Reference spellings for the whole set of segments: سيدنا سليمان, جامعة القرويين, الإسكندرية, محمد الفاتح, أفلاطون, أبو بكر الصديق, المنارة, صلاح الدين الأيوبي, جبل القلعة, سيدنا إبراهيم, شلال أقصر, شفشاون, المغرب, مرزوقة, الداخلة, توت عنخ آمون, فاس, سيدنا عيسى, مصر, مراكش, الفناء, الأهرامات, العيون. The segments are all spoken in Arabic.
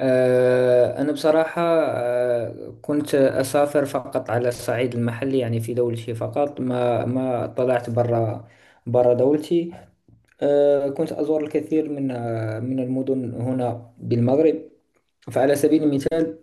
أنا بصراحة، كنت أسافر فقط على الصعيد المحلي، يعني في دولتي فقط. ما طلعت برا دولتي. كنت أزور الكثير من، من المدن هنا بالمغرب. فعلى سبيل المثال،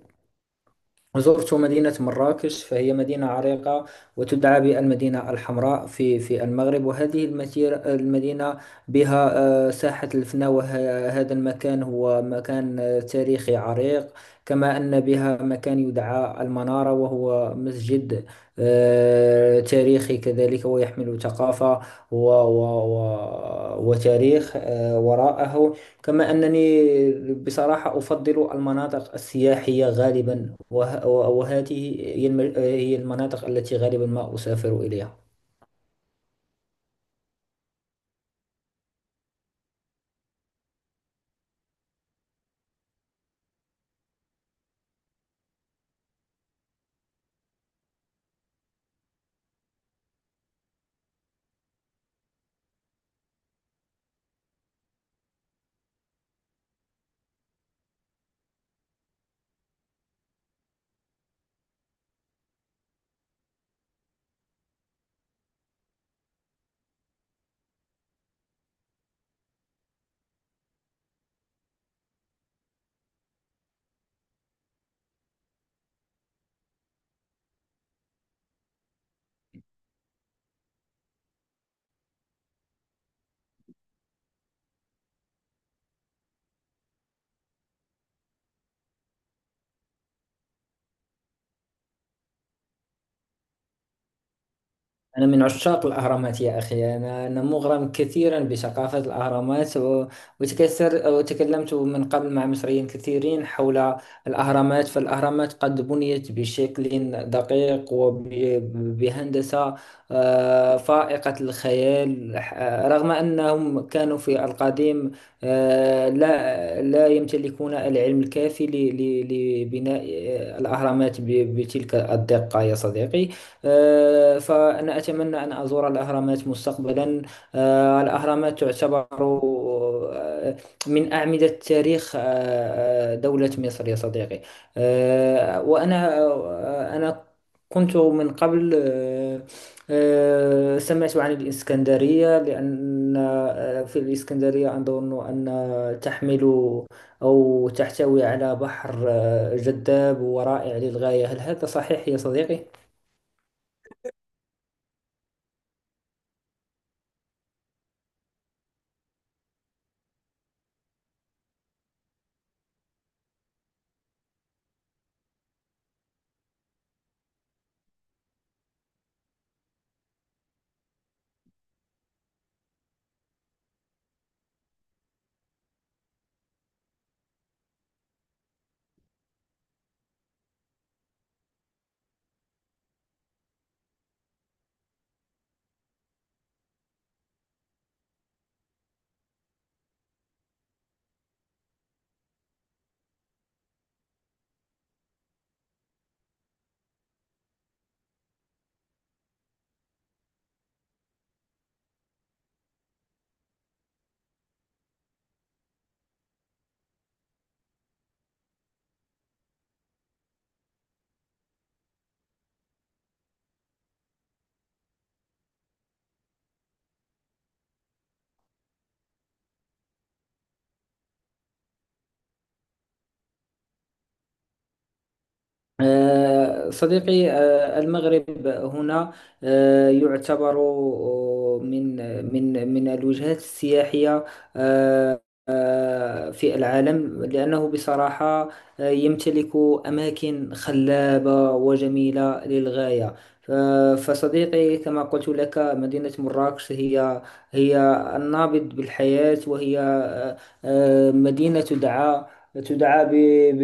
زرت مدينة مراكش، فهي مدينة عريقة وتدعى بالمدينة الحمراء في المغرب، وهذه المثير المدينة بها ساحة الفناء، وهذا المكان هو مكان تاريخي عريق. كما أن بها مكان يدعى المنارة، وهو مسجد تاريخي كذلك، ويحمل ثقافة و وتاريخ، وراءه. كما أنني بصراحة أفضل المناطق السياحية غالبا، وهذه هي هي المناطق التي غالبا ما أسافر إليها. أنا من عشاق الأهرامات يا أخي، أنا مغرم كثيرا بثقافة الأهرامات وتكثر وتكلمت من قبل مع مصريين كثيرين حول الأهرامات. فالأهرامات قد بنيت بشكل دقيق وبهندسة فائقة الخيال، رغم أنهم كانوا في القديم لا يمتلكون العلم الكافي لبناء الأهرامات بتلك الدقة يا صديقي. فأنا أتمنى أن أزور الأهرامات مستقبلا. الأهرامات تعتبر آه، من أعمدة تاريخ دولة مصر يا صديقي. آه، وأنا آه، أنا كنت من قبل، سمعت عن الإسكندرية، لأن في الإسكندرية أظن أن تحمل أو تحتوي على بحر جذاب ورائع للغاية. هل هذا صحيح يا صديقي؟ صديقي، المغرب هنا يعتبر، من الوجهات السياحية آه، في العالم، لأنه بصراحة يمتلك أماكن خلابة وجميلة للغاية. ف- فصديقي، كما قلت لك، مدينة مراكش هي هي النابض بالحياة، وهي مدينة دعاء، تدعى ب...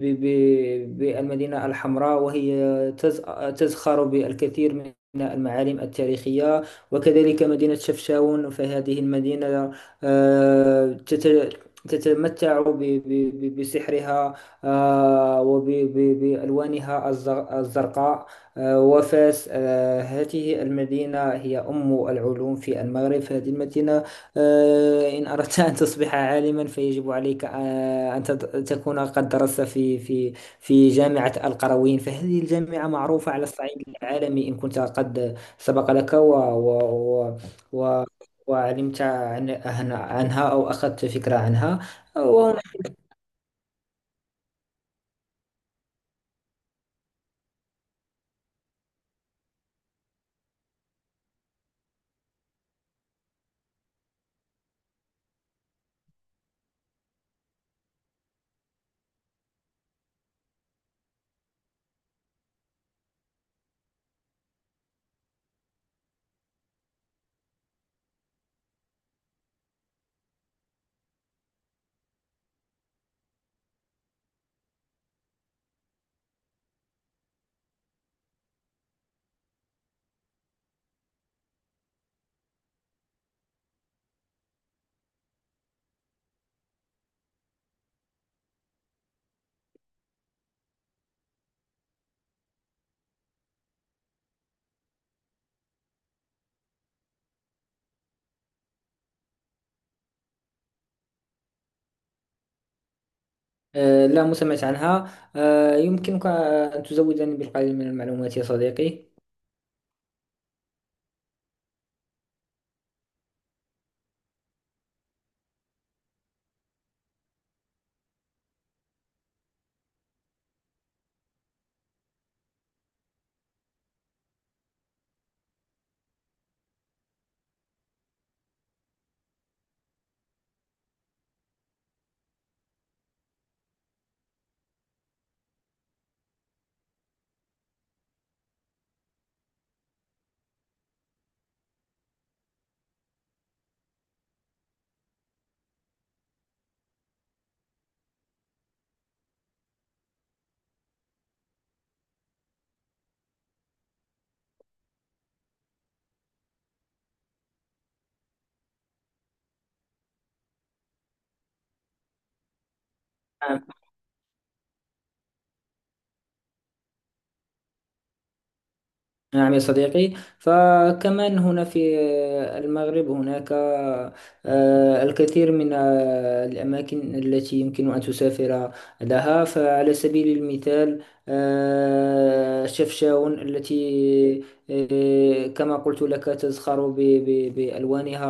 بالمدينة الحمراء، وهي تزخر بالكثير من المعالم التاريخية. وكذلك مدينة شفشاون، فهذه المدينة آه، تت... تتمتع بسحرها وبألوانها الزرقاء. وفاس، هذه المدينة هي أم العلوم في المغرب. فهذه المدينة، إن أردت أن تصبح عالما فيجب عليك أن تكون قد درست في في جامعة القرويين، فهذه الجامعة معروفة على الصعيد العالمي، إن كنت قد سبق لك و وعلمت عنها أو أخذت فكرة عنها. وهنا، لا مسمعت عنها. يمكنك أن تزودني بالقليل من المعلومات يا صديقي. نعم. نعم يا صديقي، فكمان هنا في المغرب هناك الكثير من الأماكن التي يمكن أن تسافر لها. فعلى سبيل المثال، شفشاون التي كما قلت لك تزخر بألوانها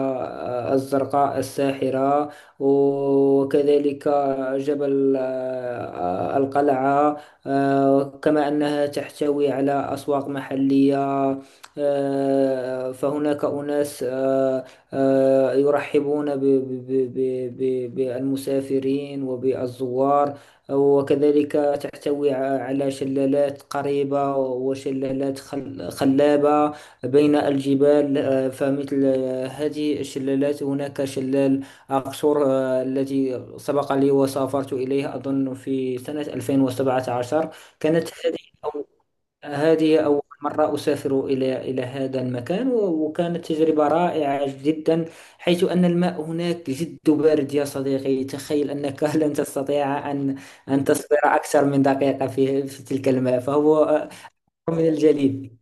الزرقاء الساحرة. وكذلك جبل القلعة. كما أنها تحتوي على أسواق محلية. فهناك أناس يرحبون بالمسافرين وبالزوار الأنوار. وكذلك تحتوي على شلالات قريبة وشلالات خلابة بين الجبال. فمثل هذه الشلالات، هناك شلال أقصر الذي سبق لي وسافرت إليه أظن في سنة 2017. كانت هذه هذه أول مرة أسافر إلى هذا المكان وكانت تجربة رائعة جدا، حيث أن الماء هناك جد بارد يا صديقي. تخيل أنك لن تستطيع أن أن تصبر أكثر من دقيقة في تلك الماء، فهو من الجليد.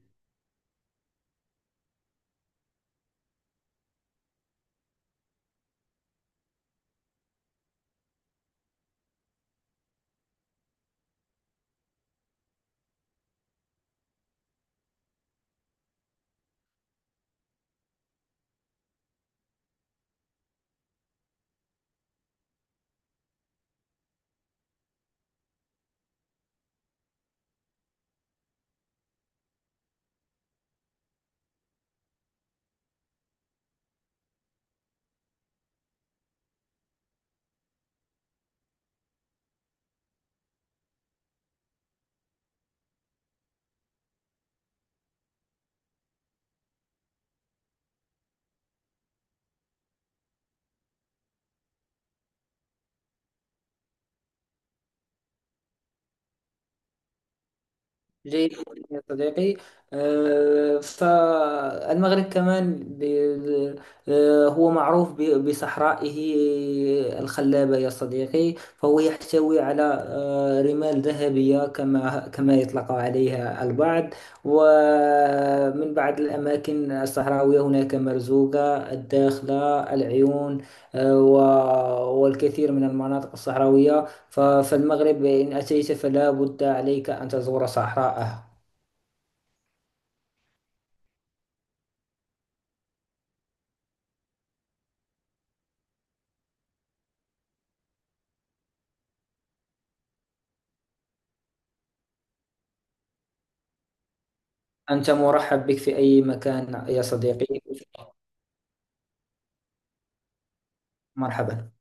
جيد يا صديقي. فالمغرب كمان هو معروف بصحرائه الخلابة يا صديقي. فهو يحتوي على رمال ذهبية كما كما يطلق عليها البعض. ومن بعض الأماكن الصحراوية هناك مرزوقة، الداخلة، العيون، والكثير من المناطق الصحراوية. فالمغرب إن أتيت فلا بد عليك أن تزور صحراءه. أنت مرحب بك في أي مكان يا صديقي. مرحبا.